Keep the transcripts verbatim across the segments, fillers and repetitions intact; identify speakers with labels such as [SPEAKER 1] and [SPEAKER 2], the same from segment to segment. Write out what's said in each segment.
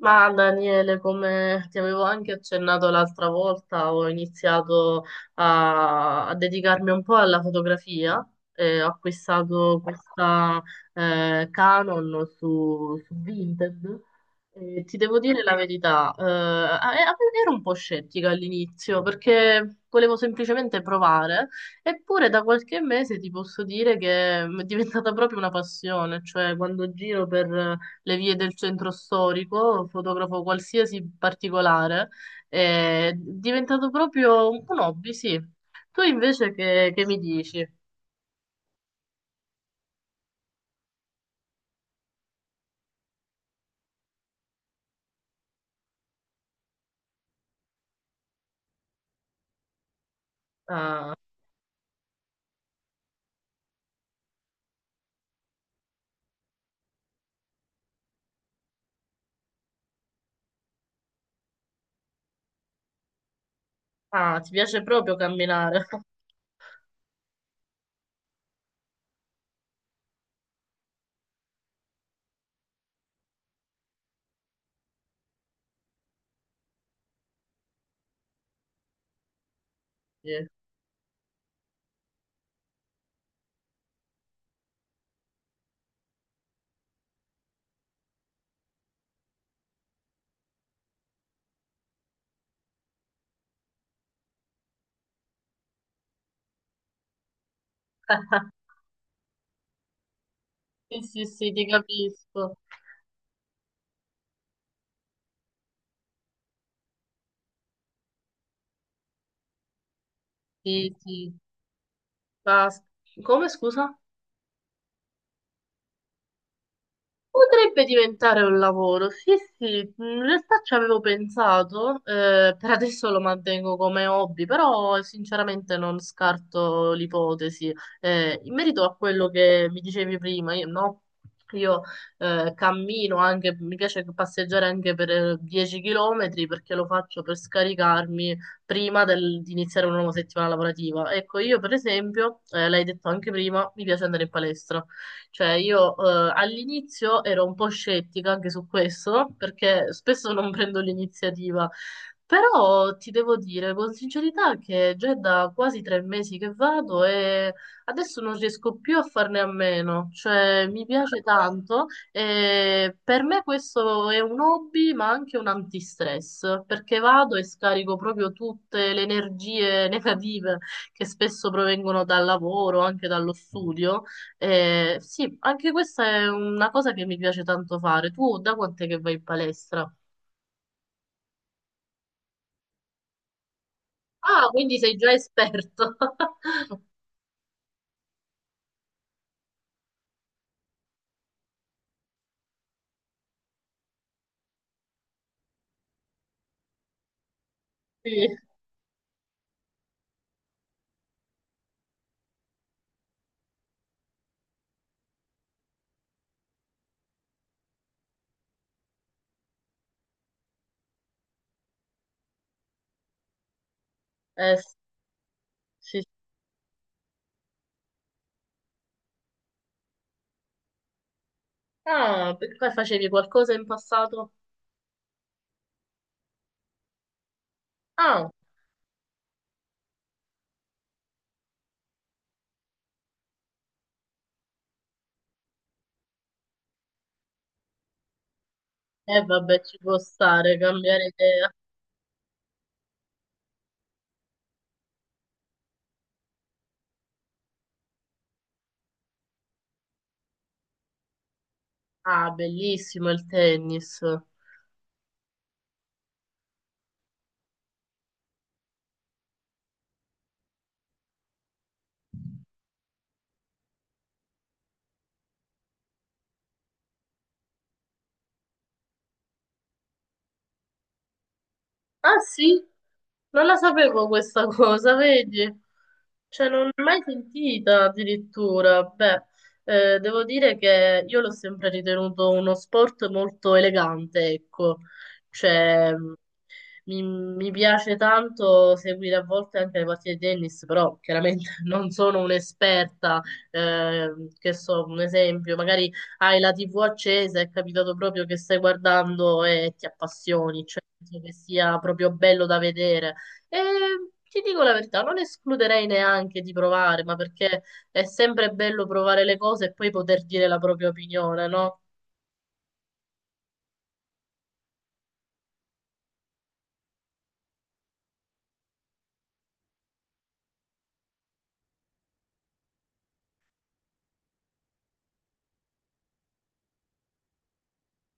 [SPEAKER 1] Ma Daniele, come ti avevo anche accennato l'altra volta, ho iniziato a, a dedicarmi un po' alla fotografia e ho acquistato questa eh, Canon su, su Vinted. E ti devo dire la verità, eh, a- a- ero un po' scettica all'inizio perché volevo semplicemente provare, eppure da qualche mese ti posso dire che è diventata proprio una passione, cioè quando giro per le vie del centro storico, fotografo qualsiasi particolare, è diventato proprio un po' un hobby, sì. Tu invece che, che mi dici? Ah, ah, ti piace proprio camminare? Sì, sì, sì, sì, ti capisco. Sì, sì. Basta. Come, scusa? Potrebbe diventare un lavoro, sì, sì, in realtà ci avevo pensato, eh, per adesso lo mantengo come hobby, però sinceramente non scarto l'ipotesi. Eh, in merito a quello che mi dicevi prima, io, no? Io eh, cammino anche, mi piace passeggiare anche per eh, dieci chilometri perché lo faccio per scaricarmi prima del- di iniziare una nuova settimana lavorativa. Ecco, io per esempio, eh, l'hai detto anche prima, mi piace andare in palestra. Cioè, io eh, all'inizio ero un po' scettica anche su questo, perché spesso non prendo l'iniziativa, però ti devo dire con sincerità che già è da quasi tre mesi che vado e adesso non riesco più a farne a meno, cioè mi piace tanto e per me questo è un hobby ma anche un antistress, perché vado e scarico proprio tutte le energie negative che spesso provengono dal lavoro, anche dallo studio, eh, sì, anche questa è una cosa che mi piace tanto fare. Tu da quant'è che vai in palestra? Ah, quindi sei già esperto. Sì, eh, sì, sì. Ah, perché facevi qualcosa in passato? Ah, e vabbè, ci può stare, cambiare idea. Ah, bellissimo il tennis. Ah sì, non la sapevo questa cosa, vedi? Cioè, non l'ho mai sentita addirittura. Beh, eh, devo dire che io l'ho sempre ritenuto uno sport molto elegante, ecco. Cioè, mi, mi piace tanto seguire a volte anche le partite di tennis, però chiaramente non sono un'esperta, eh, che so, un esempio, magari hai la T V accesa, è capitato proprio che stai guardando e ti appassioni, cioè penso che sia proprio bello da vedere. E ti dico la verità, non escluderei neanche di provare, ma perché è sempre bello provare le cose e poi poter dire la propria opinione, no?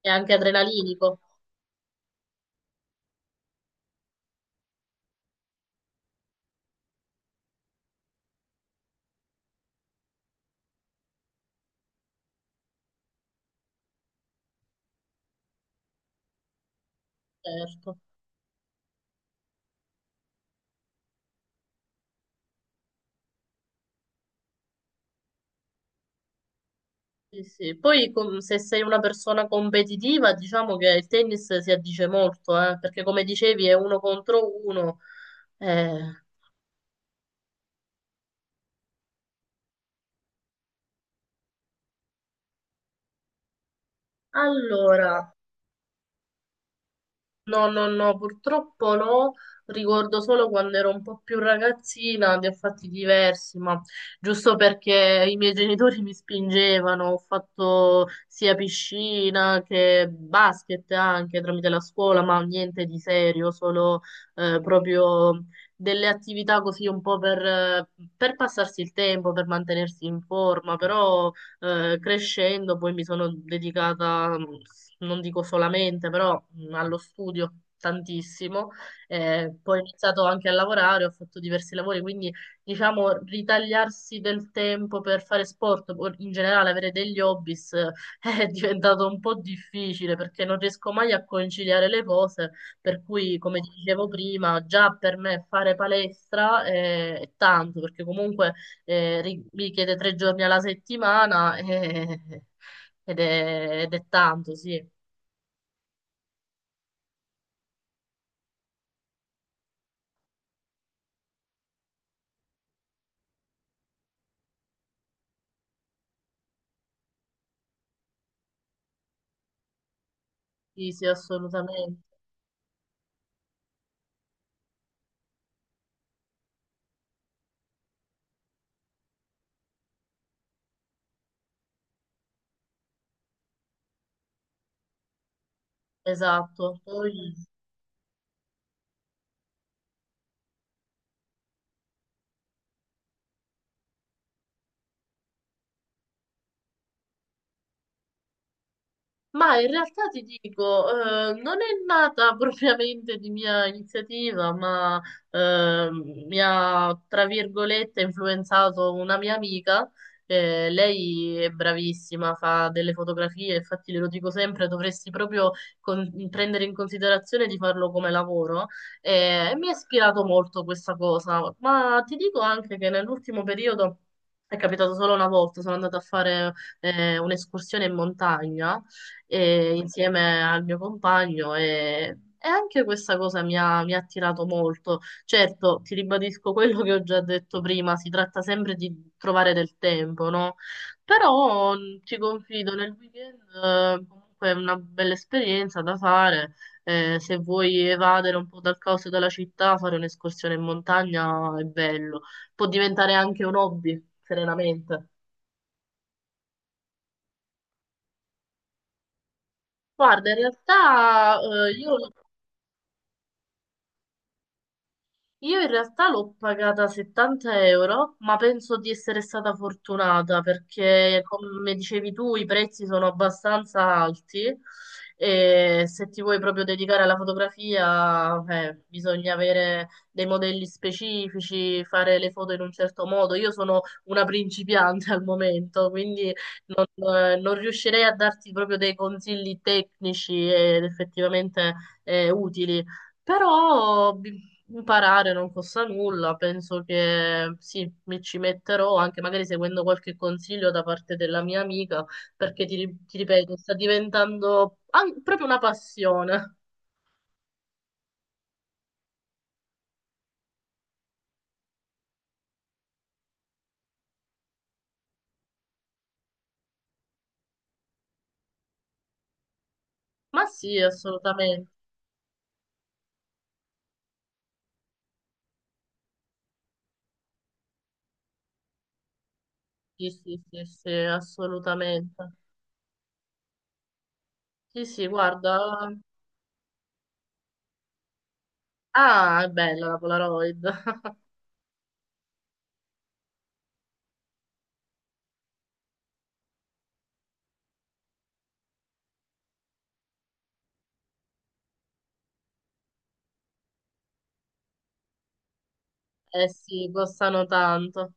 [SPEAKER 1] È anche adrenalinico, certo. Sì, sì. Poi com- se sei una persona competitiva, diciamo che il tennis si addice molto, eh, perché come dicevi è uno contro uno. Eh, Allora, no, no, no, purtroppo no, ricordo solo quando ero un po' più ragazzina di fatti diversi, ma giusto perché i miei genitori mi spingevano, ho fatto sia piscina che basket anche tramite la scuola, ma niente di serio, solo eh, proprio delle attività così un po' per, eh, per passarsi il tempo, per mantenersi in forma, però eh, crescendo poi mi sono dedicata, mh, non dico solamente, però mh, allo studio tantissimo, eh, poi ho iniziato anche a lavorare, ho fatto diversi lavori, quindi diciamo ritagliarsi del tempo per fare sport, o in generale avere degli hobbies, eh, è diventato un po' difficile perché non riesco mai a conciliare le cose, per cui come ti dicevo prima, già per me fare palestra è, è tanto, perché comunque eh, ri- mi chiede tre giorni alla settimana e- ed è, ed è tanto, sì. Sì, sì, assolutamente. Esatto. Poi ma in realtà ti dico, eh, non è nata propriamente di mia iniziativa, ma eh, mi ha, tra virgolette, influenzato una mia amica. Eh, lei è bravissima, fa delle fotografie, infatti glielo dico sempre, dovresti proprio con- prendere in considerazione di farlo come lavoro. Eh, E mi ha ispirato molto questa cosa, ma ti dico anche che nell'ultimo periodo... È capitato solo una volta, sono andata a fare eh, un'escursione in montagna e- insieme al mio compagno e, e anche questa cosa mi ha, mi ha attirato molto. Certo, ti ribadisco quello che ho già detto prima, si tratta sempre di trovare del tempo, no? Però mh, ti confido, nel weekend eh, comunque è una bella esperienza da fare. Eh, se vuoi evadere un po' dal caos e dalla città, fare un'escursione in montagna è bello. Può diventare anche un hobby, serenamente. Guarda, in realtà eh, io Io in realtà l'ho pagata settanta euro, ma penso di essere stata fortunata perché, come dicevi tu, i prezzi sono abbastanza alti e se ti vuoi proprio dedicare alla fotografia, eh, bisogna avere dei modelli specifici, fare le foto in un certo modo. Io sono una principiante al momento, quindi eh, non riuscirei a darti proprio dei consigli tecnici ed effettivamente eh, utili, però bi- imparare non costa nulla, penso che sì, mi ci metterò anche magari seguendo qualche consiglio da parte della mia amica, perché ti, ri- ti ripeto, sta diventando an- proprio una passione. Ma sì, assolutamente. Sì, sì, sì, sì, assolutamente. Sì, sì, guarda. Ah, è bella la Polaroid. Eh sì, costano tanto.